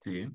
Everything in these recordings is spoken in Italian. Sì.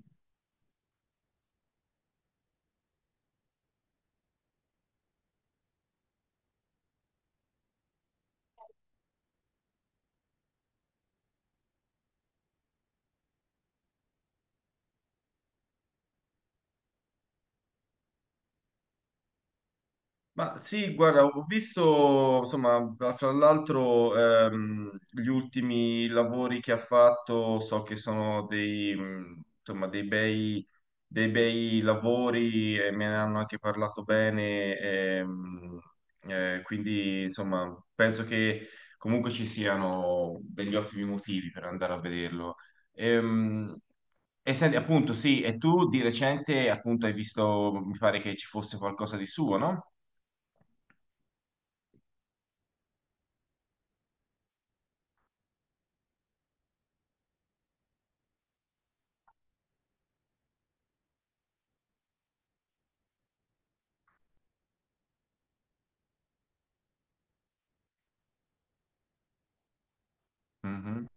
Ma sì, guarda, ho visto, insomma, tra l'altro gli ultimi lavori che ha fatto, so che sono dei bei lavori e me ne hanno anche parlato bene, quindi insomma, penso che comunque ci siano degli ottimi motivi per andare a vederlo. Ehm, e senti, appunto, sì, e tu di recente, appunto, hai visto, mi pare che ci fosse qualcosa di suo, no? Mhm.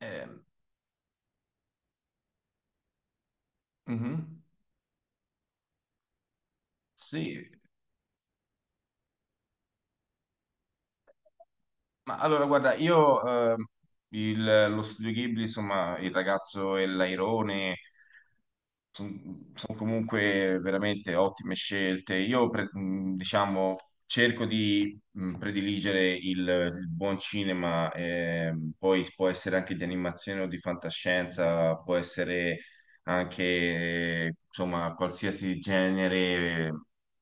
Ehm, Mhm. Sì. Ma allora, guarda, lo studio Ghibli, insomma, il ragazzo e l'airone sono comunque veramente ottime scelte. Diciamo, cerco di prediligere il buon cinema, poi può essere anche di animazione o di fantascienza, può essere anche, insomma, qualsiasi genere.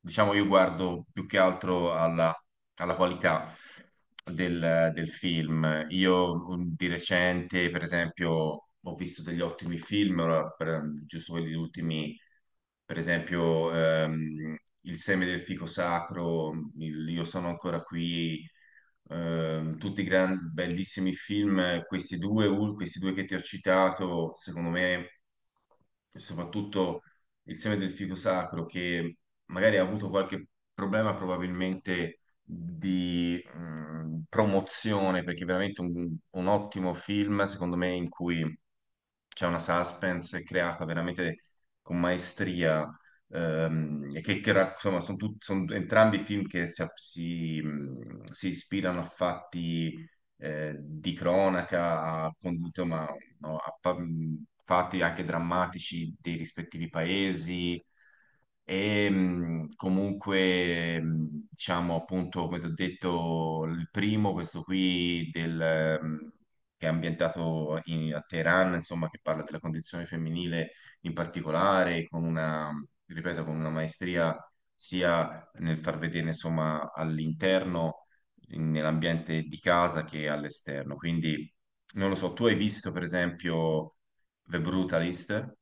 Diciamo, io guardo più che altro alla qualità del film. Io di recente, per esempio, ho visto degli ottimi film, ora, giusto quelli ultimi, per esempio, Il seme del fico sacro, il Io sono ancora qui, bellissimi film. Questi due che ti ho citato, secondo me, soprattutto Il seme del fico sacro, che magari ha avuto qualche problema probabilmente di promozione, perché è veramente un ottimo film, secondo me, in cui c'è una suspense creata veramente con maestria, e insomma, sono entrambi film che si ispirano a fatti di cronaca, a, con- insomma, no, a pa- fatti anche drammatici dei rispettivi paesi. E diciamo appunto, come ti ho detto, il primo, questo qui del, che è ambientato a Teheran, insomma, che parla della condizione femminile in particolare, con una, ripeto, con una maestria sia nel far vedere, insomma, all'interno, nell'ambiente di casa che all'esterno. Quindi, non lo so, tu hai visto, per esempio, The Brutalist?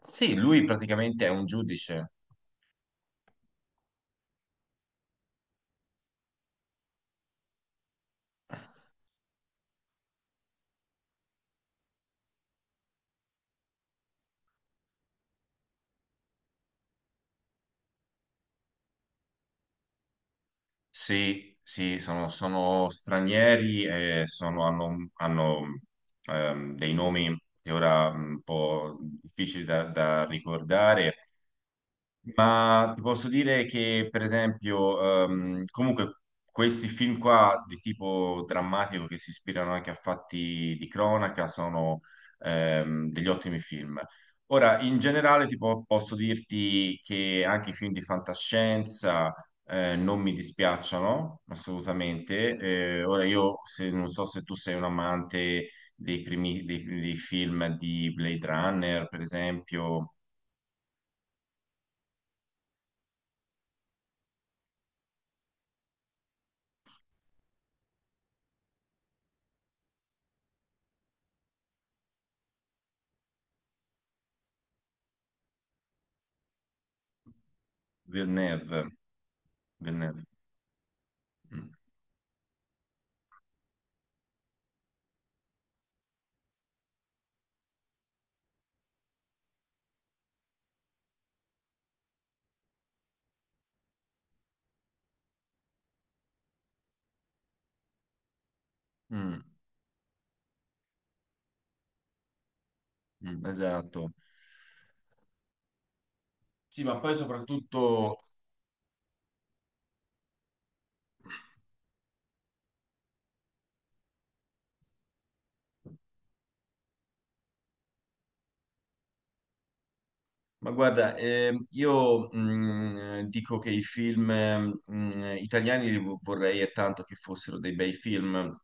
Sì, lui praticamente è un giudice. Sì, sì, sono stranieri e hanno dei nomi che ora un po' difficili da ricordare, ma ti posso dire che, per esempio, comunque questi film qua di tipo drammatico che si ispirano anche a fatti di cronaca sono degli ottimi film. Ora, in generale, posso dirti che anche i film di fantascienza non mi dispiacciono assolutamente. Ora, io se- non so se tu sei un amante dei primi dei film di Blade Runner, per esempio. Villeneuve. Vennero. Mm, mm, esatto. Sì, ma poi soprattutto, ma guarda, dico che i film italiani vorrei e tanto che fossero dei bei film,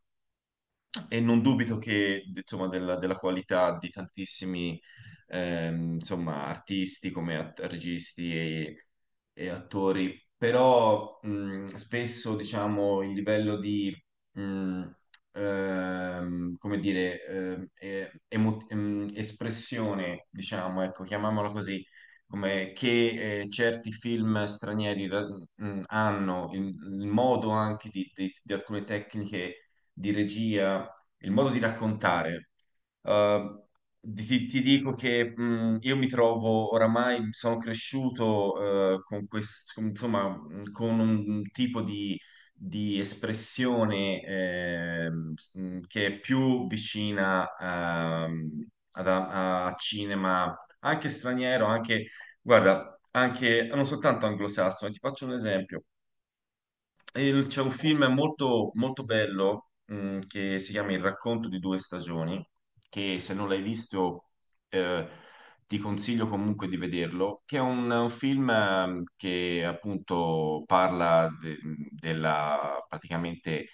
e non dubito che, insomma, della qualità di tantissimi, insomma, artisti come registi e attori, però spesso, diciamo, il livello di, mh, come dire, espressione, diciamo, ecco, chiamiamola così, come che certi film stranieri hanno, il modo anche di alcune tecniche di regia, il modo di raccontare. Eh, ti dico che io mi trovo oramai, sono cresciuto con questo, insomma, con un tipo di espressione che è più vicina a cinema, anche straniero, anche, guarda, anche non soltanto anglosassone. Ti faccio un esempio. C'è un film molto bello che si chiama Il racconto di due stagioni, che se non l'hai visto eh, ti consiglio comunque di vederlo, che è un film che appunto parla della, praticamente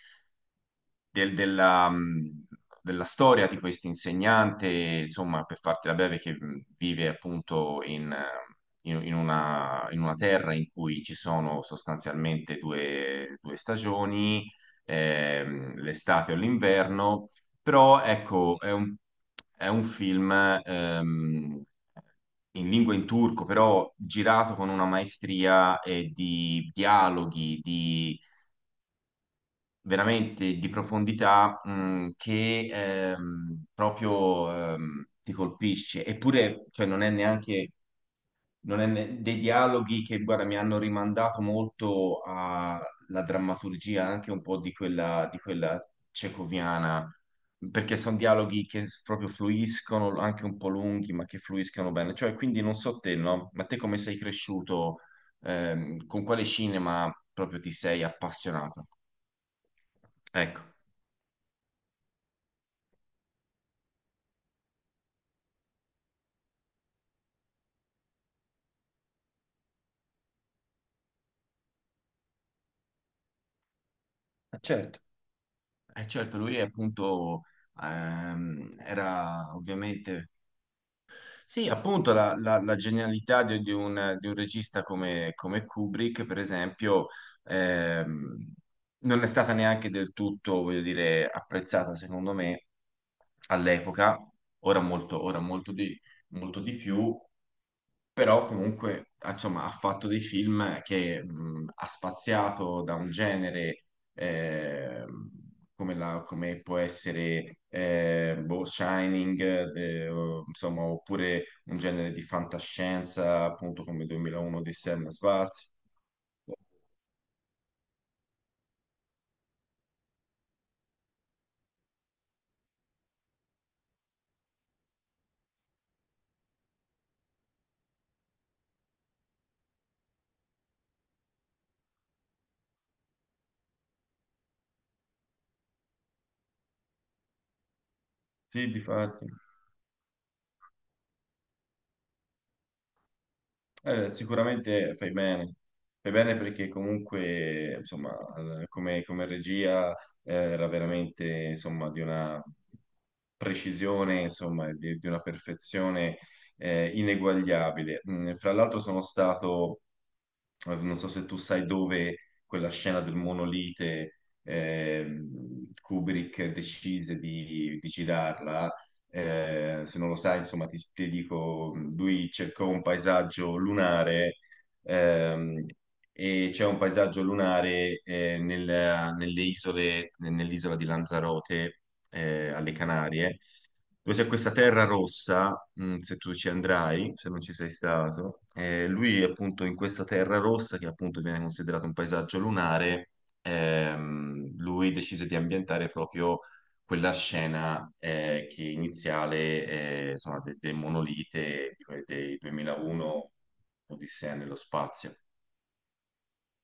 della, della storia di questo insegnante, insomma, per fartela breve, che vive appunto in una terra in cui ci sono sostanzialmente due stagioni, l'estate o l'inverno, però ecco, è è un film ehm, in turco, però girato con una maestria e di dialoghi, di veramente di profondità, che proprio ti colpisce. Eppure, cioè, non è neanche non è dei dialoghi che, guarda, mi hanno rimandato molto alla drammaturgia, anche un po' di quella cecoviana, perché sono dialoghi che proprio fluiscono, anche un po' lunghi, ma che fluiscono bene. Cioè, quindi non so te, no? Ma te come sei cresciuto? Con quale cinema proprio ti sei appassionato? Ecco. Certo. E certo, lui appunto era ovviamente... Sì, appunto la genialità di un regista come, come Kubrick, per esempio, ehm, non è stata neanche del tutto, voglio dire, apprezzata secondo me all'epoca, ora molto, molto di più. Però comunque ah, insomma, ha fatto dei film che ha spaziato da un genere eh, come, come può essere Shining, insomma, oppure un genere di fantascienza, appunto come 2001 di Sam Spazio. Sì, di... sicuramente fai bene perché comunque, insomma, come, come regia era veramente, insomma, di una precisione, insomma, di una perfezione ineguagliabile. Mm. Fra l'altro sono stato, non so se tu sai dove, quella scena del monolite, Kubrick decise di girarla se non lo sai, insomma, ti dico, lui cercò un paesaggio lunare ehm, e c'è un paesaggio lunare nelle isole, nell'isola di Lanzarote, alle Canarie, dove c'è questa terra rossa, se tu ci andrai, se non ci sei stato, lui appunto in questa terra rossa, che appunto viene considerato un paesaggio lunare, lui decise di ambientare proprio quella scena che iniziale, insomma, del monolite, dei 2001 Odissea nello spazio.